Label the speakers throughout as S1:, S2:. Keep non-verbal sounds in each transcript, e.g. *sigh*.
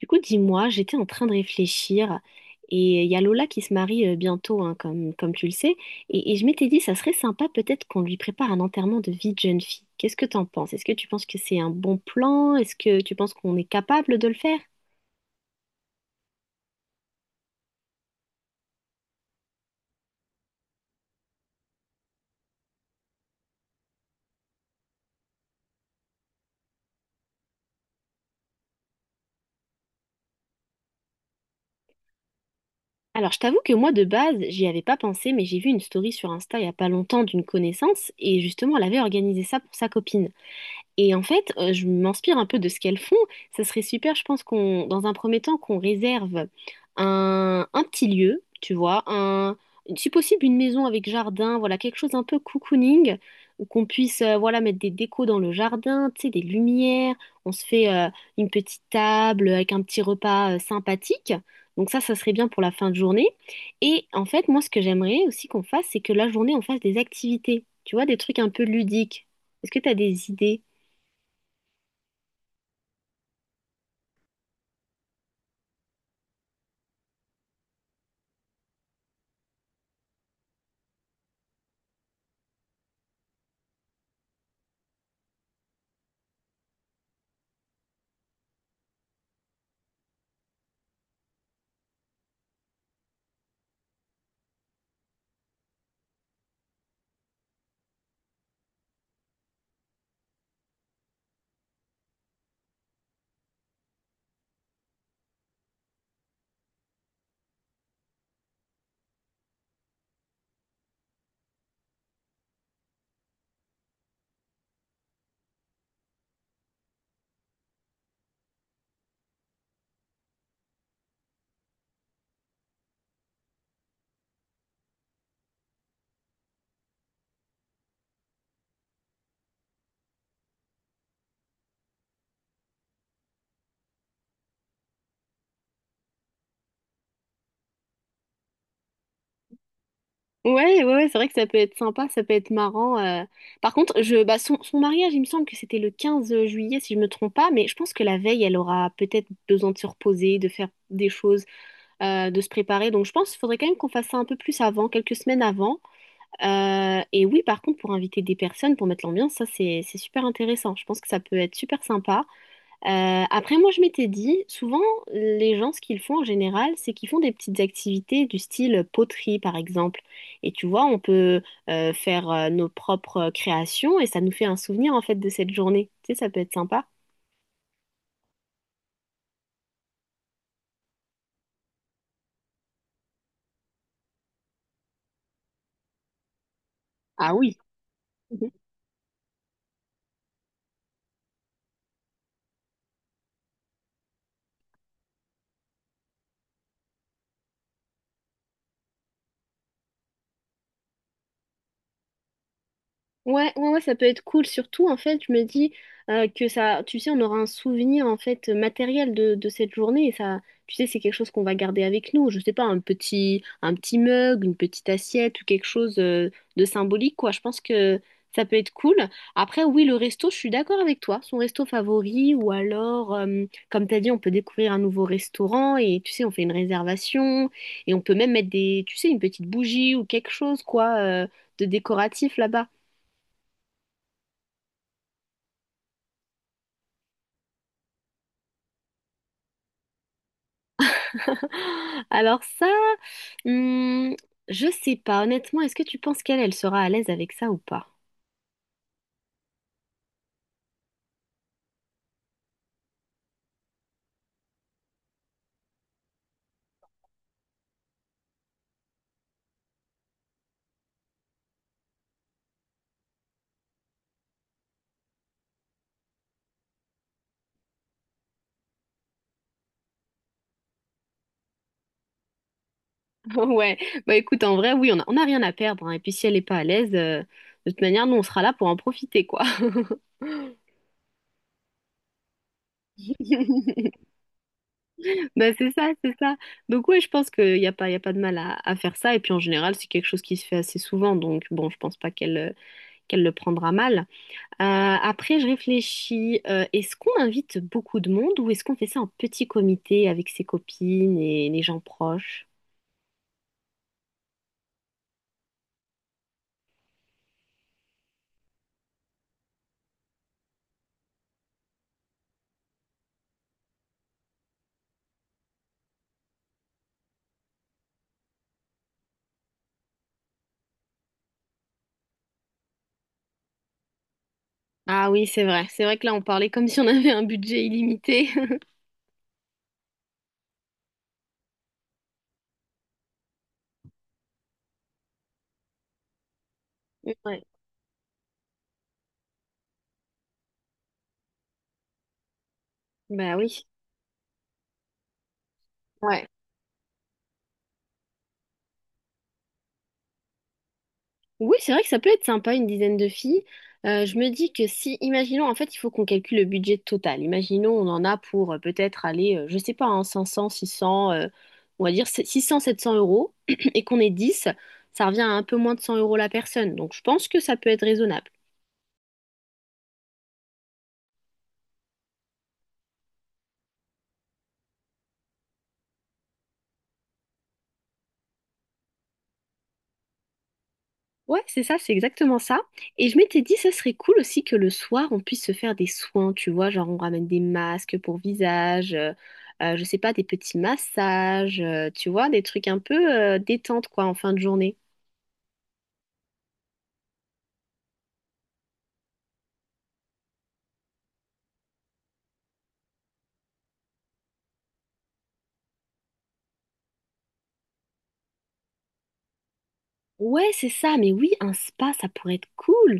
S1: Du coup, dis-moi, j'étais en train de réfléchir et il y a Lola qui se marie bientôt, hein, comme tu le sais, et je m'étais dit, ça serait sympa peut-être qu'on lui prépare un enterrement de vie de jeune fille. Qu'est-ce que t'en penses? Est-ce que tu penses que c'est un bon plan? Est-ce que tu penses qu'on est capable de le faire? Alors, je t'avoue que moi, de base, j'y avais pas pensé, mais j'ai vu une story sur Insta il y a pas longtemps d'une connaissance et justement, elle avait organisé ça pour sa copine. Et en fait, je m'inspire un peu de ce qu'elles font. Ça serait super, je pense qu'on, dans un premier temps, qu'on réserve un petit lieu, tu vois, si possible une maison avec jardin, voilà, quelque chose un peu cocooning, où qu'on puisse, voilà, mettre des décos dans le jardin, tu sais, des lumières. On se fait une petite table avec un petit repas sympathique. Donc ça serait bien pour la fin de journée. Et en fait, moi, ce que j'aimerais aussi qu'on fasse, c'est que la journée, on fasse des activités, tu vois, des trucs un peu ludiques. Est-ce que tu as des idées? Ouais, ouais, ouais, c'est vrai que ça peut être sympa, ça peut être marrant. Par contre, bah, son mariage, il me semble que c'était le 15 juillet, si je me trompe pas, mais je pense que la veille, elle aura peut-être besoin de se reposer, de faire des choses, de se préparer. Donc, je pense qu'il faudrait quand même qu'on fasse ça un peu plus avant, quelques semaines avant. Et oui, par contre, pour inviter des personnes, pour mettre l'ambiance, ça, c'est super intéressant. Je pense que ça peut être super sympa. Après, moi, je m'étais dit, souvent, les gens, ce qu'ils font en général, c'est qu'ils font des petites activités du style poterie, par exemple. Et tu vois, on peut faire nos propres créations et ça nous fait un souvenir, en fait, de cette journée. Tu sais, ça peut être sympa. Ah oui. Ouais, ouais, ouais, ça peut être cool. Surtout, en fait, je me dis que ça, tu sais, on aura un souvenir en fait matériel de cette journée et ça, tu sais, c'est quelque chose qu'on va garder avec nous. Je sais pas, un petit mug, une petite assiette ou quelque chose de symbolique, quoi. Je pense que ça peut être cool. Après, oui, le resto, je suis d'accord avec toi. Son resto favori ou alors, comme t'as dit, on peut découvrir un nouveau restaurant et tu sais, on fait une réservation et on peut même mettre des, tu sais, une petite bougie ou quelque chose, quoi, de décoratif là-bas. *laughs* Alors ça, hmm, je sais pas. Honnêtement, est-ce que tu penses qu'elle, elle sera à l'aise avec ça ou pas? *laughs* Ouais. Bah écoute, en vrai, oui, on a rien à perdre, hein. Et puis si elle est pas à l'aise, de toute manière, nous, on sera là pour en profiter, quoi. *laughs* Bah c'est ça, c'est ça. Donc ouais, je pense qu'il n'y a pas, y a pas de mal à faire ça. Et puis en général, c'est quelque chose qui se fait assez souvent. Donc bon, je pense pas qu'elle le prendra mal. Euh, après, je réfléchis, est-ce qu'on invite beaucoup de monde ou est-ce qu'on fait ça en petit comité avec ses copines et les gens proches? Ah oui, c'est vrai. C'est vrai que là, on parlait comme si on avait un budget illimité. *laughs* Ouais. Bah oui. Ouais. Oui, c'est vrai que ça peut être sympa, une dizaine de filles. Je me dis que si, imaginons, en fait, il faut qu'on calcule le budget total. Imaginons, on en a pour peut-être aller, je sais pas, hein, 500, 600, on va dire 600, 700 euros, *clears throat* et qu'on est 10, ça revient à un peu moins de 100 euros la personne. Donc, je pense que ça peut être raisonnable. Ouais, c'est ça, c'est exactement ça. Et je m'étais dit, ça serait cool aussi que le soir, on puisse se faire des soins, tu vois, genre on ramène des masques pour visage, je sais pas, des petits massages, tu vois, des trucs un peu détente, quoi, en fin de journée. Ouais, c'est ça, mais oui, un spa, ça pourrait être cool.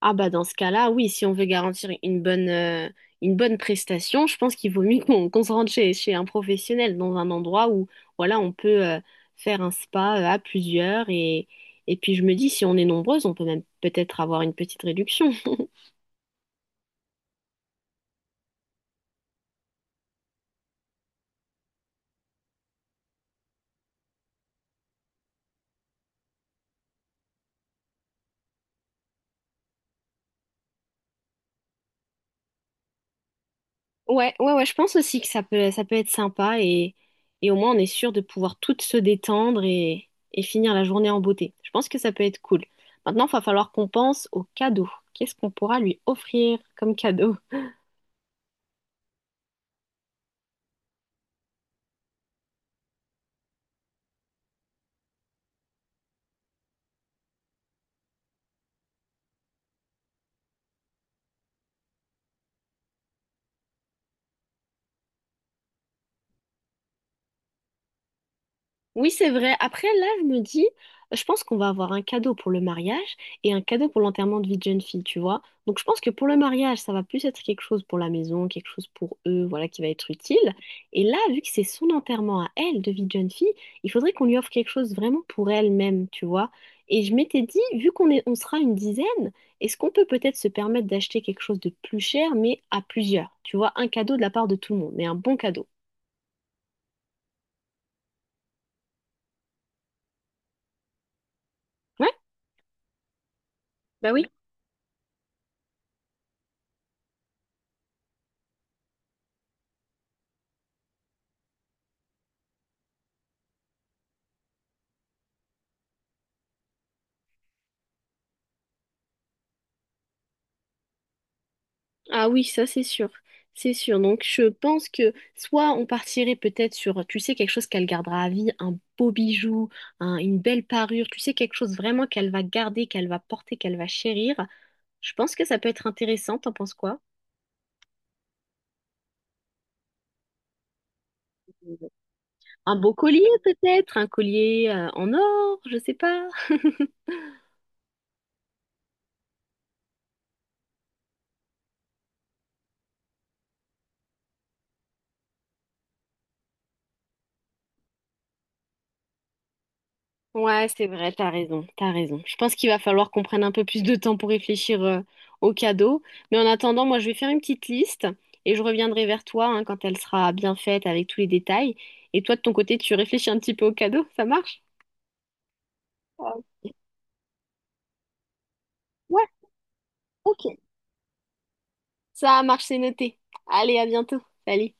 S1: Ah bah dans ce cas-là, oui, si on veut garantir une bonne prestation, je pense qu'il vaut mieux qu'on se rende chez un professionnel, dans un endroit où voilà, on peut faire un spa à plusieurs. Et puis je me dis, si on est nombreuses, on peut même peut-être avoir une petite réduction. *laughs* Ouais, ouais, ouais, je pense aussi que ça peut être sympa et au moins on est sûr de pouvoir toutes se détendre et finir la journée en beauté. Je pense que ça peut être cool. Maintenant, il va falloir qu'on pense aux cadeaux. Qu'est-ce qu'on pourra lui offrir comme cadeau? Oui, c'est vrai. Après, là, je me dis, je pense qu'on va avoir un cadeau pour le mariage et un cadeau pour l'enterrement de vie de jeune fille, tu vois. Donc, je pense que pour le mariage, ça va plus être quelque chose pour la maison, quelque chose pour eux, voilà, qui va être utile. Et là, vu que c'est son enterrement à elle de vie de jeune fille, il faudrait qu'on lui offre quelque chose vraiment pour elle-même, tu vois. Et je m'étais dit, vu qu'on est, on sera une dizaine, est-ce qu'on peut peut-être se permettre d'acheter quelque chose de plus cher, mais à plusieurs, tu vois, un cadeau de la part de tout le monde, mais un bon cadeau. Ouais. Bah oui. Ah oui, ça c'est sûr, c'est sûr. Donc je pense que soit on partirait peut-être sur, tu sais, quelque chose qu'elle gardera à vie, un beau bijou, une belle parure, tu sais, quelque chose vraiment qu'elle va garder, qu'elle va porter, qu'elle va chérir. Je pense que ça peut être intéressant, t'en penses quoi? Un beau collier peut-être, un collier en or, je sais pas. Ouais, c'est vrai, t'as raison, t'as raison. Je pense qu'il va falloir qu'on prenne un peu plus de temps pour réfléchir aux cadeaux. Mais en attendant, moi, je vais faire une petite liste et je reviendrai vers toi, hein, quand elle sera bien faite avec tous les détails. Et toi, de ton côté, tu réfléchis un petit peu aux cadeaux, ça marche? Euh, ouais, ok. Ça marche, c'est noté. Allez, à bientôt. Salut.